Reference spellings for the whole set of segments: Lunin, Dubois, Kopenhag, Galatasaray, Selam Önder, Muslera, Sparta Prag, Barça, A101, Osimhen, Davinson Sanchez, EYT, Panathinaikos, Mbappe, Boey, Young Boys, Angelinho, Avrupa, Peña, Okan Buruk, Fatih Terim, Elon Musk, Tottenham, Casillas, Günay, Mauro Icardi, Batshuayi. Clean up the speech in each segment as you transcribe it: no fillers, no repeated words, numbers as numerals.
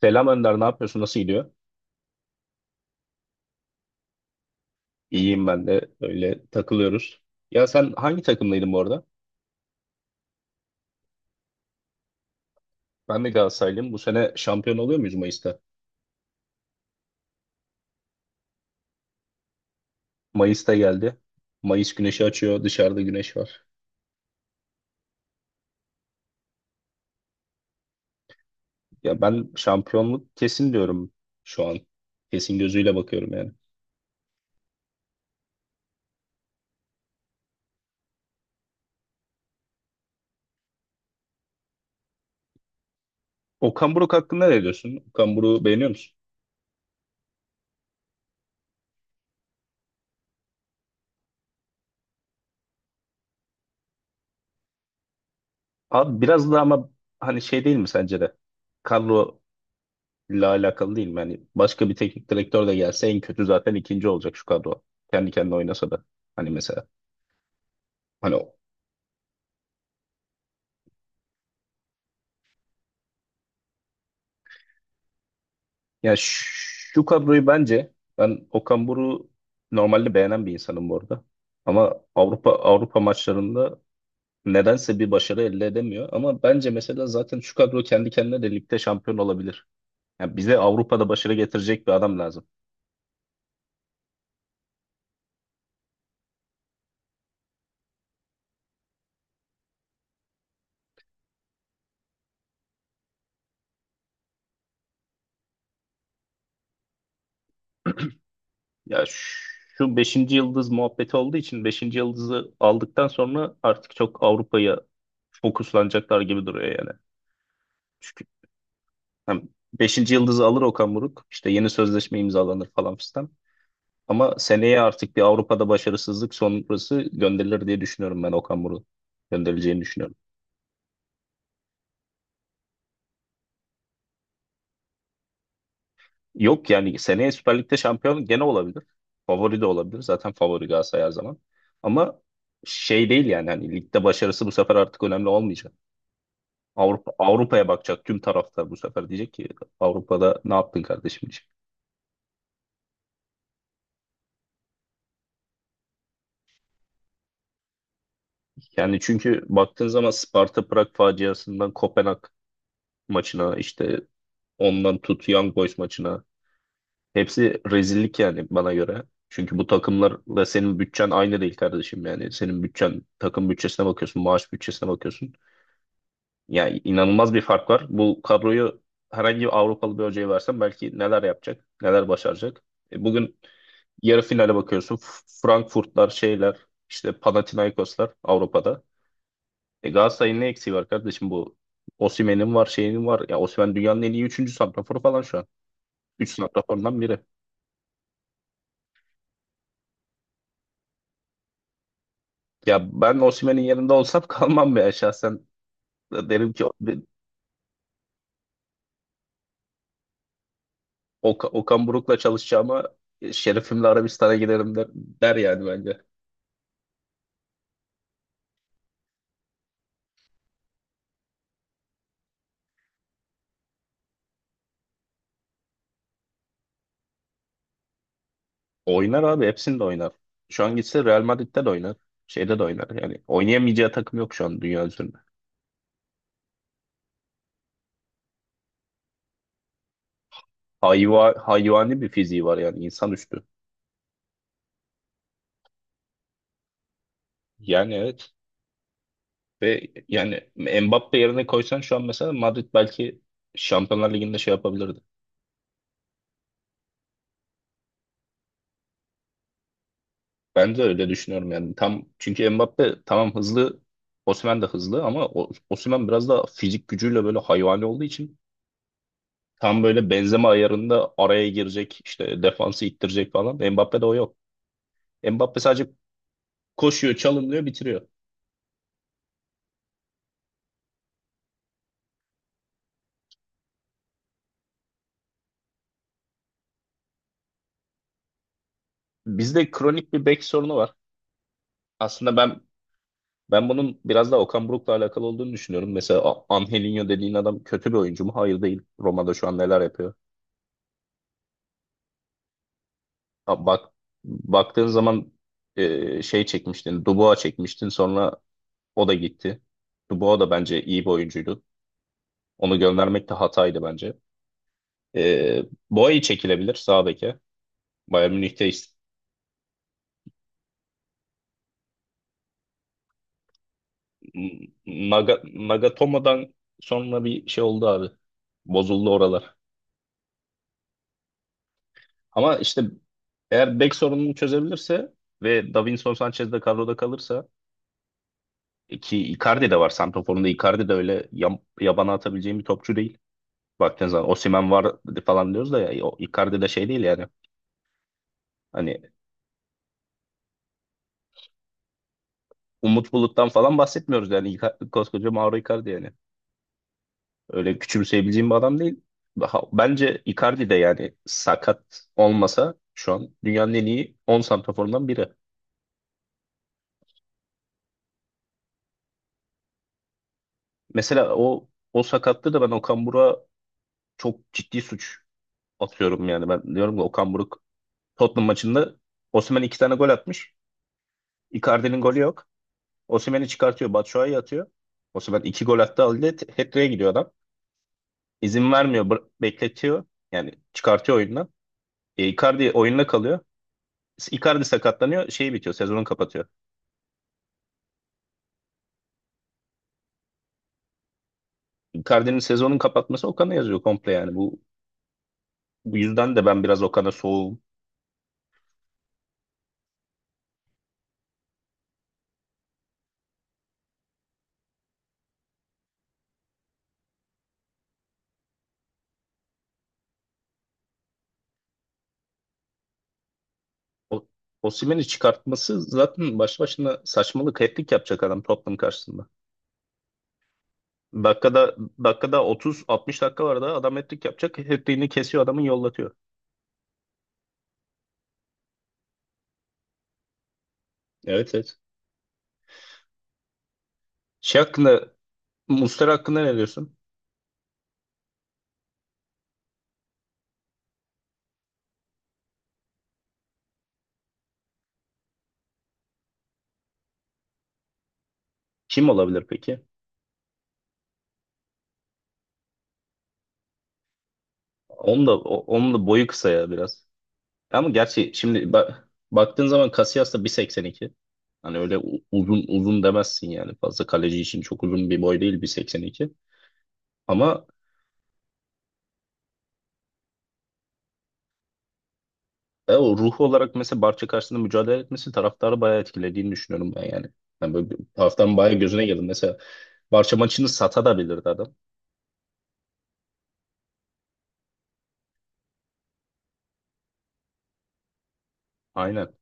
Selam Önder, ne yapıyorsun? Nasıl gidiyor? İyiyim ben de. Öyle takılıyoruz. Ya sen hangi takımdaydın bu arada? Ben de Galatasaraylıyım. Bu sene şampiyon oluyor muyuz Mayıs'ta? Mayıs'ta geldi. Mayıs güneşi açıyor. Dışarıda güneş var. Ya ben şampiyonluk kesin diyorum şu an. Kesin gözüyle bakıyorum yani. Okan Buruk hakkında ne diyorsun? Okan Buruk'u beğeniyor musun? Abi biraz da ama hani şey değil mi sence de? Kadro ile alakalı değil. Yani başka bir teknik direktör de gelse en kötü zaten ikinci olacak şu kadro. Kendi kendine oynasa da. Hani mesela. Hani o. Ya şu kadroyu bence ben Okan Buruk'u normalde beğenen bir insanım bu arada. Ama Avrupa maçlarında nedense bir başarı elde edemiyor. Ama bence mesela zaten şu kadro kendi kendine de ligde şampiyon olabilir. Yani bize Avrupa'da başarı getirecek bir adam lazım. Ya şu beşinci yıldız muhabbeti olduğu için beşinci yıldızı aldıktan sonra artık çok Avrupa'ya fokuslanacaklar gibi duruyor yani. Çünkü hem 5. yıldızı alır Okan Buruk, işte yeni sözleşme imzalanır falan fistan. Ama seneye artık bir Avrupa'da başarısızlık sonrası gönderilir diye düşünüyorum, ben Okan Buruk gönderileceğini düşünüyorum. Yok yani seneye Süper Lig'de şampiyon gene olabilir. Favori de olabilir. Zaten favori Galatasaray her zaman. Ama şey değil yani, hani ligde başarısı bu sefer artık önemli olmayacak. Avrupa'ya bakacak tüm taraftar, bu sefer diyecek ki Avrupa'da ne yaptın kardeşim diyecek. Yani çünkü baktığın zaman Sparta Prag faciasından Kopenhag maçına, işte ondan tut Young Boys maçına, hepsi rezillik yani bana göre. Çünkü bu takımlarla senin bütçen aynı değil kardeşim yani. Senin bütçen, takım bütçesine bakıyorsun, maaş bütçesine bakıyorsun. Yani inanılmaz bir fark var. Bu kadroyu herhangi bir Avrupalı bir hocaya versen belki neler yapacak, neler başaracak. Bugün yarı finale bakıyorsun. Frankfurtlar, şeyler işte, Panathinaikoslar Avrupa'da. E Galatasaray'ın ne eksiği var kardeşim bu? Osimhen'in var, şeyinin var. Ya Osimhen dünyanın en iyi 3. santraforu falan şu an. 3 santraforundan biri. Ya ben Osimhen'in yerinde olsam kalmam be şahsen. Derim ki Okan Buruk'la çalışacağıma, şerefimle Arabistan'a giderim der yani bence. Oynar abi, hepsinde oynar. Şu an gitse Real Madrid'de de oynar. Şeyde de oynar. Yani oynayamayacağı takım yok şu an dünya üzerinde. Hayvani bir fiziği var yani, insanüstü. Yani evet ve yani Mbappe yerine koysan şu an mesela Madrid belki Şampiyonlar Ligi'nde şey yapabilirdi. Ben de öyle düşünüyorum yani. Tam çünkü Mbappe tamam hızlı, Osimhen de hızlı ama Osimhen biraz da fizik gücüyle böyle hayvani olduğu için tam böyle benzeme ayarında araya girecek, işte defansı ittirecek falan. Mbappe'de o yok. Mbappe sadece koşuyor, çalımlıyor, bitiriyor. Bizde kronik bir bek sorunu var. Aslında ben bunun biraz daha Okan Buruk'la alakalı olduğunu düşünüyorum. Mesela Angelinho dediğin adam kötü bir oyuncu mu? Hayır, değil. Roma'da şu an neler yapıyor? Ha, bak, baktığın zaman şey çekmiştin, Dubois çekmiştin. Sonra o da gitti. Dubois da bence iyi bir oyuncuydu. Onu göndermek de hataydı bence. E, Boey çekilebilir sağ beke. Bayern Münih'te Naga- Nagatomo'dan sonra bir şey oldu abi. Bozuldu oralar. Ama işte eğer bek sorununu çözebilirse ve Davinson Sanchez de kadroda kalırsa, ki Icardi de var. Santrafor'un da, Icardi de öyle yabana atabileceğim bir topçu değil. Baktığın zaman Osimhen var falan diyoruz da ya, o Icardi de şey değil yani. Hani Umut Bulut'tan falan bahsetmiyoruz yani. Koskoca Mauro Icardi yani. Öyle küçümseyebileceğim bir adam değil. Bence Icardi de yani, sakat olmasa şu an dünyanın en iyi 10 santraforundan biri. Mesela o sakatlığı da ben Okan Buruk'a çok ciddi suç atıyorum, yani ben diyorum ki Okan Buruk Tottenham maçında Osimhen iki tane gol atmış. Icardi'nin golü yok. Osimhen'i çıkartıyor. Batshuayi atıyor. Osimhen iki gol attı. Halde hat-trick'e gidiyor adam. İzin vermiyor. Bekletiyor. Yani çıkartıyor oyundan. E, Icardi oyunda kalıyor. Icardi sakatlanıyor. Şey bitiyor. Sezonu kapatıyor. Icardi'nin sezonun kapatması Okan'a yazıyor komple yani. Bu yüzden de ben biraz Okan'a soğuğum. O, Osimhen'i çıkartması zaten baş başına saçmalık. Hat-trick yapacak adam Tottenham karşısında. Dakikada dakikada 30-60 dakika var da adam hat-trick yapacak. Hat-trick'ini kesiyor adamın, yollatıyor. Evet, evet. Şey hakkında Muslera hakkında ne diyorsun? Kim olabilir peki? Onun da boyu kısa ya biraz. Ama gerçi şimdi bak, baktığın zaman Casillas da 1,82. Hani öyle uzun uzun demezsin yani. Fazla kaleci için çok uzun bir boy değil 1,82. Ama o ruhu olarak mesela Barça karşısında mücadele etmesi taraftarı bayağı etkilediğini düşünüyorum ben yani. Yani böyle taraftarın bayağı gözüne girdi. Mesela Barça maçını satabilirdi adam. Aynen.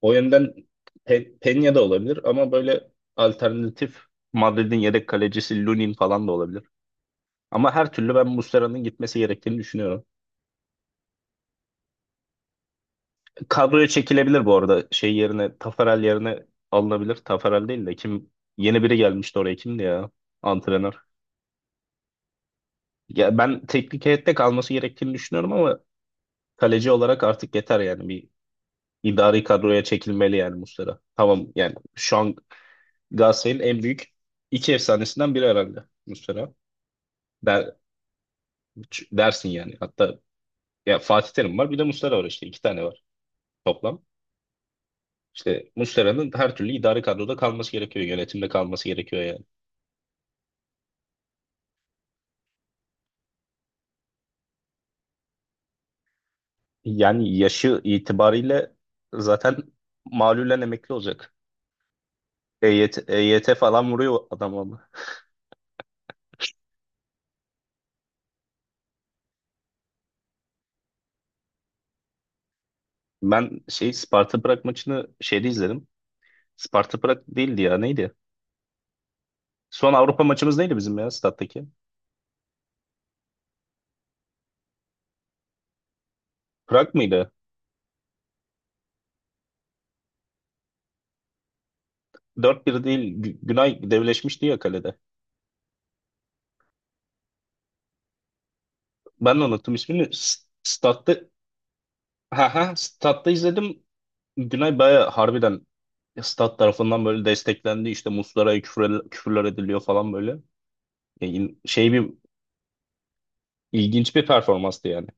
O yönden Peña da olabilir ama böyle alternatif, Madrid'in yedek kalecisi Lunin falan da olabilir. Ama her türlü ben Muslera'nın gitmesi gerektiğini düşünüyorum. Kadroya çekilebilir bu arada. Şey yerine, Taferel yerine alınabilir. Taferel değil de kim yeni biri gelmişti oraya, kimdi ya? Antrenör. Ya ben teknik heyette kalması gerektiğini düşünüyorum ama kaleci olarak artık yeter yani, bir idari kadroya çekilmeli yani Muslera. Tamam yani şu an Galatasaray'ın en büyük iki efsanesinden biri herhalde Muslera. Der, dersin yani. Hatta ya, Fatih Terim var bir de Muslera var, işte iki tane var toplam. İşte Muslera'nın her türlü idari kadroda kalması gerekiyor. Yönetimde kalması gerekiyor yani. Yani yaşı itibariyle zaten malulen emekli olacak. EYT, EYT falan vuruyor adam ama. Ben şey Sparta Prag maçını şeyde izledim. Sparta Prag değildi ya, neydi? Son Avrupa maçımız neydi bizim ya, stattaki? Prag mıydı? Dört bir değil, Günay devleşmişti ya kalede. Ben de unuttum ismini. Statta, ha ha, statta izledim. Günay baya harbiden stat tarafından böyle desteklendi. İşte Muslera'ya küfürler ediliyor falan böyle. Bir ilginç bir performanstı yani.